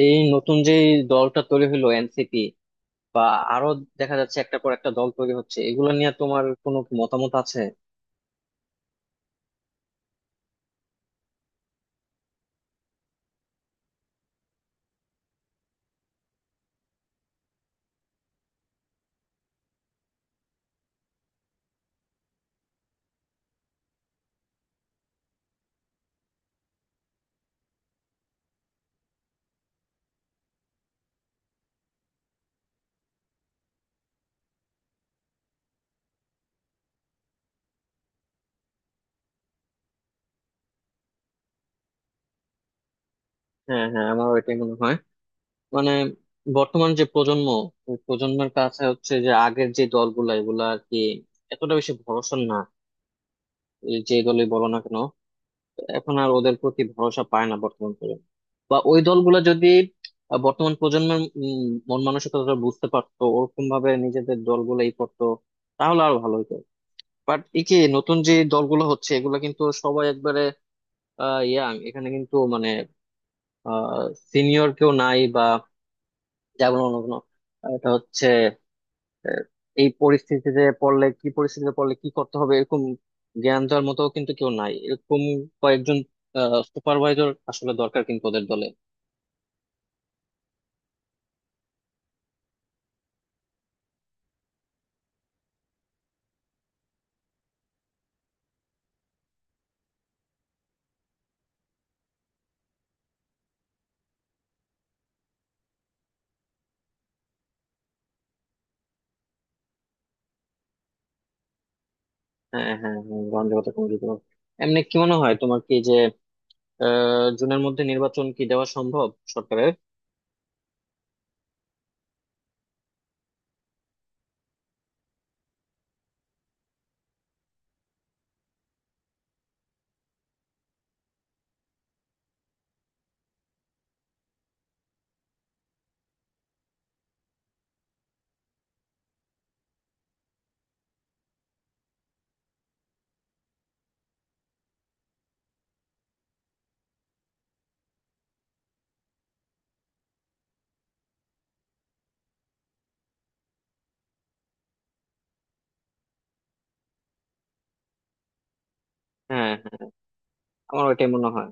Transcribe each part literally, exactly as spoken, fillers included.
এই নতুন যে দলটা তৈরি হলো এনসিপি বা আরো দেখা যাচ্ছে একটা পর একটা দল তৈরি হচ্ছে, এগুলো নিয়ে তোমার কোনো কি মতামত আছে? হ্যাঁ হ্যাঁ, আমারও এটাই মনে হয়। মানে বর্তমান যে প্রজন্ম, ওই প্রজন্মের কাছে হচ্ছে যে আগের যে দলগুলা এগুলা আর কি এতটা বেশি ভরসা না। এই যে দলই বলো না কেন, এখন আর ওদের প্রতি ভরসা পায় না বর্তমান প্রজন্ম। বা ওই দলগুলা যদি আহ, বর্তমান প্রজন্মের উম, মন মানসিকতা বুঝতে পারতো, ওরকম ভাবে নিজেদের দলগুলাই করতো, তাহলে আরো ভালো হতো। বাট এই যে নতুন যে দলগুলো হচ্ছে এগুলো কিন্তু সবাই একবারে ইয়াং, এখানে কিন্তু মানে সিনিয়র কেউ নাই, বা যেমন অন্য কোনো, এটা হচ্ছে আহ, এই পরিস্থিতিতে পড়লে কি পরিস্থিতিতে পড়লে কি করতে হবে এরকম জ্ঞান দেওয়ার মতো কিন্তু কেউ নাই, এরকম কয়েকজন সুপারভাইজার আসলে দরকার কিন্তু ওদের দলে। হ্যাঁ হ্যাঁ হ্যাঁ, গ্রহণযোগ্যতা কমিটি তোমার। এমনি কি মনে হয় তোমার, কি যে আহ জুনের মধ্যে নির্বাচন কি দেওয়া সম্ভব সরকারের? হ্যাঁ হ্যাঁ, আমার ওইটাই মনে হয়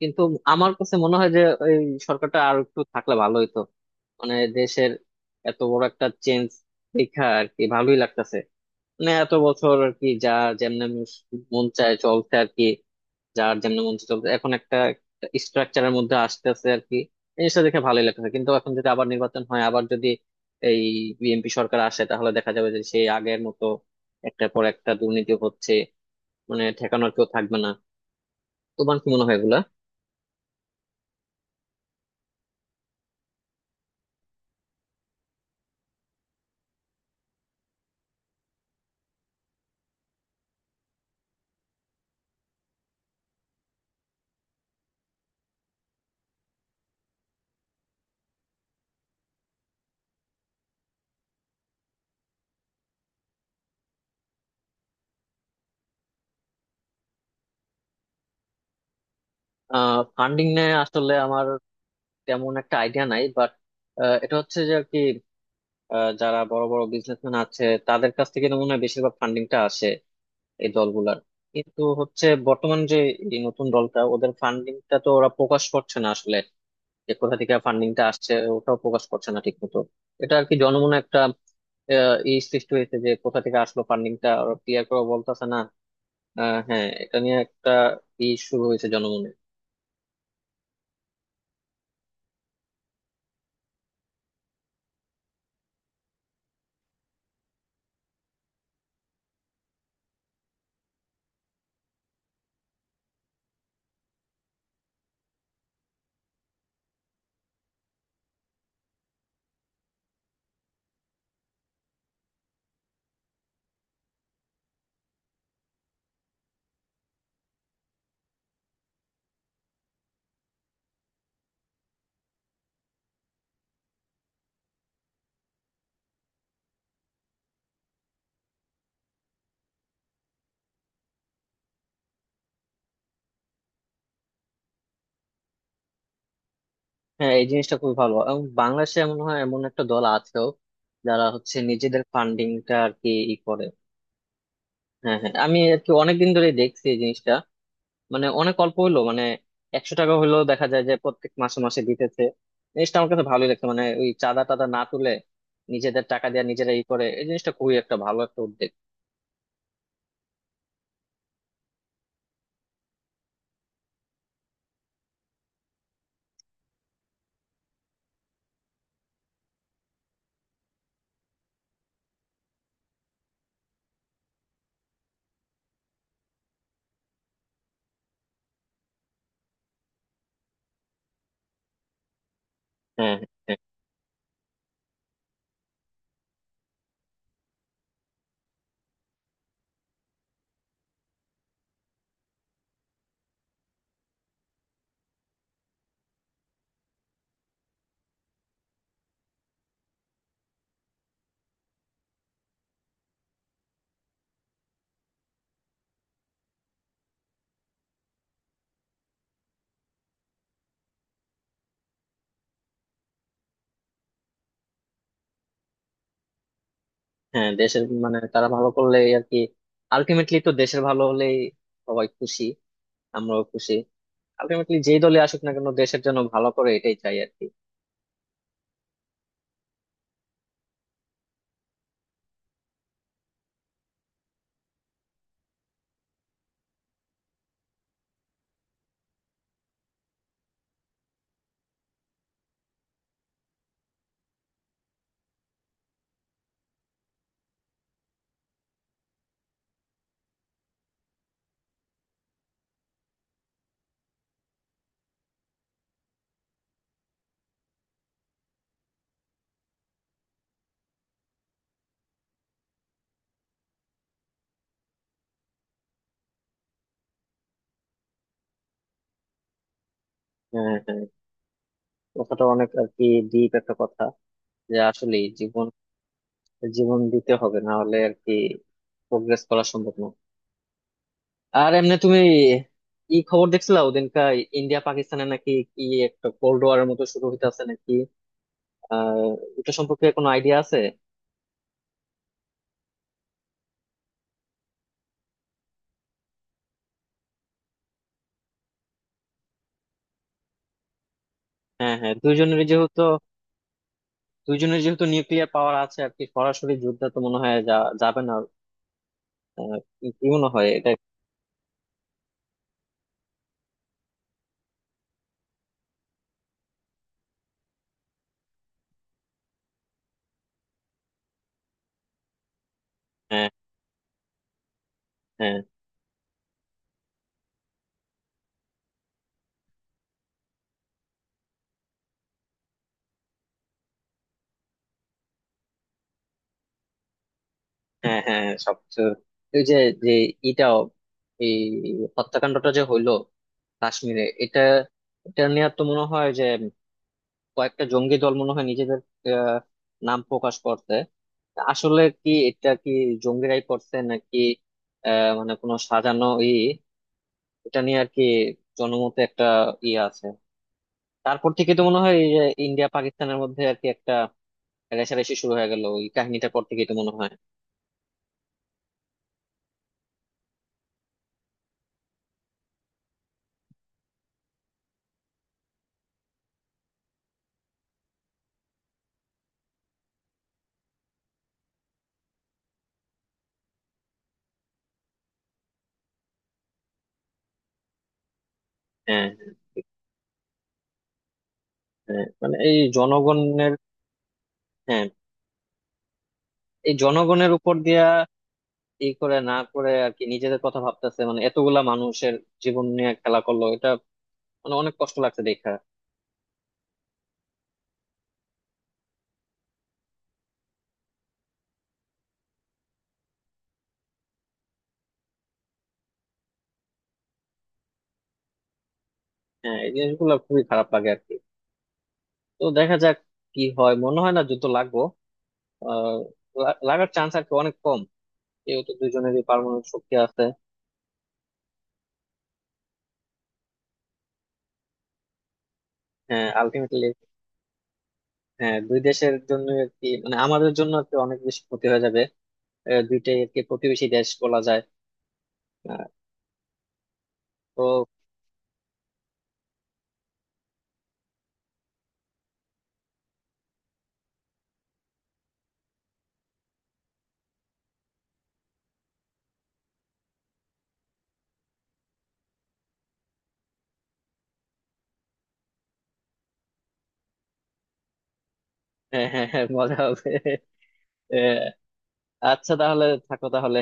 কিন্তু আমার কাছে মনে হয় যে এই সরকারটা আর একটু থাকলে ভালো হইতো। মানে দেশের এত বড় একটা চেঞ্জ দেখা আর কি ভালোই লাগতেছে। মানে এত বছর আর কি যা যেমনে মন মন চায় চলছে আর কি, যার যেমনে মন চায় চলছে, এখন একটা স্ট্রাকচারের মধ্যে আসতেছে আর কি। জিনিসটা দেখে ভালোই লাগতেছে কিন্তু এখন যদি আবার নির্বাচন হয়, আবার যদি এই বিএনপি সরকার আসে তাহলে দেখা যাবে যে সেই আগের মতো একটার পর একটা দুর্নীতি হচ্ছে, মানে ঠেকানোর কেউ থাকবে না। তোমার কি মনে হয় এগুলা? ফান্ডিং নিয়ে আসলে আমার তেমন একটা আইডিয়া নাই বাট এটা হচ্ছে যে আর কি আহ, যারা বড় বড় বিজনেসম্যান আছে তাদের কাছ থেকে তো মনে হয় বেশিরভাগ ফান্ডিংটা আসে এই দলগুলার। কিন্তু হচ্ছে বর্তমান যে এই নতুন দলটা, ওদের ফান্ডিংটা তো ওরা প্রকাশ করছে না আসলে, যে কোথা থেকে ফান্ডিংটা আসছে ওটাও প্রকাশ করছে না ঠিক মতো। এটা আর কি জনমনে একটা আহ, ই সৃষ্টি হয়েছে যে কোথা থেকে আসলো ফান্ডিংটা, ওরা ক্লিয়ার করে বলতেছে না। আহ, হ্যাঁ, এটা নিয়ে একটা ই শুরু হয়েছে জনমনে। হ্যাঁ, এই জিনিসটা খুবই ভালো, এবং বাংলাদেশে এমন হয়, এমন একটা দল আছেও যারা হচ্ছে নিজেদের ফান্ডিংটা আর কি ই করে। হ্যাঁ হ্যাঁ, আমি আর কি অনেকদিন ধরে দেখছি এই জিনিসটা। মানে অনেক অল্প হলো মানে একশো টাকা হলেও দেখা যায় যে প্রত্যেক মাসে মাসে দিতেছে। জিনিসটা আমার কাছে ভালোই লাগছে, মানে ওই চাঁদা টাদা না তুলে নিজেদের টাকা দিয়ে নিজেরা ই করে, এই জিনিসটা খুবই একটা ভালো একটা উদ্যোগ। হ্যাঁ হ্যাঁ হ্যাঁ, দেশের মানে তারা ভালো করলে আর কি আলটিমেটলি তো দেশের ভালো হলেই সবাই খুশি, আমরাও খুশি। আলটিমেটলি যেই দলে আসুক না কেন দেশের জন্য ভালো করে, এটাই চাই আর কি। হ্যাঁ হ্যাঁ, কথাটা অনেক আর কি ডিপ একটা কথা, যে আসলে জীবন জীবন দিতে হবে, না হলে আর কি প্রোগ্রেস করা সম্ভব না। আর এমনি তুমি কি খবর দেখছিলা ওদিনকার, ইন্ডিয়া পাকিস্তানে নাকি কি একটা কোল্ড ওয়ারের মতো শুরু হইতে আছে নাকি? আহ এটা সম্পর্কে কোনো আইডিয়া আছে? হ্যাঁ হ্যাঁ, দুইজনের যেহেতু দুইজনের যেহেতু নিউক্লিয়ার পাওয়ার আছে আর কি, সরাসরি যুদ্ধ তো মনে হয় যা যাবে না। আহ, কি মনে হয় এটা? হ্যাঁ হ্যাঁ হ্যাঁ হ্যাঁ, সবকিছু, ওই যে, যে এটাও, এই হত্যাকাণ্ডটা যে হইলো কাশ্মীরে এটা, এটা নিয়ে তো মনে হয় যে কয়েকটা জঙ্গি দল মনে হয় নিজেদের আহ, নাম প্রকাশ করতে, আসলে কি এটা কি জঙ্গিরাই করছে নাকি আহ মানে কোনো সাজানো ই? এটা নিয়ে আর কি জনমতে একটা ই আছে। তারপর থেকে তো মনে হয় এই যে ইন্ডিয়া পাকিস্তানের মধ্যে আর কি একটা রেষারেষি শুরু হয়ে গেল ওই কাহিনীটার পর থেকে তো মনে হয়। হ্যাঁ হ্যাঁ, হ্যাঁ, মানে এই জনগণের, হ্যাঁ এই জনগণের উপর দিয়া এই করে না করে আর কি নিজেদের কথা ভাবতেছে, মানে এতগুলা মানুষের জীবন নিয়ে খেলা করলো এটা। মানে অনেক কষ্ট লাগছে দেখা। হ্যাঁ, এই জিনিসগুলো খুবই খারাপ লাগে আর কি। তো দেখা যাক কি হয়, মনে হয় না যুদ্ধ লাগবো। আহ লা- লাগার চান্স আর কি অনেক কম, যেহেতু দুজনেরই পারমাণবিক শক্তি আছে। হ্যাঁ আলটিমেটলি, হ্যাঁ দুই দেশের জন্য আর কি, মানে আমাদের জন্য আর কি অনেক বেশি ক্ষতি হয়ে যাবে। আহ, দুইটাই আর কি প্রতিবেশী দেশ বলা যায়। আহ, তো হ্যাঁ হ্যাঁ হ্যাঁ, মজা হবে। এ, আচ্ছা তাহলে থাকো তাহলে।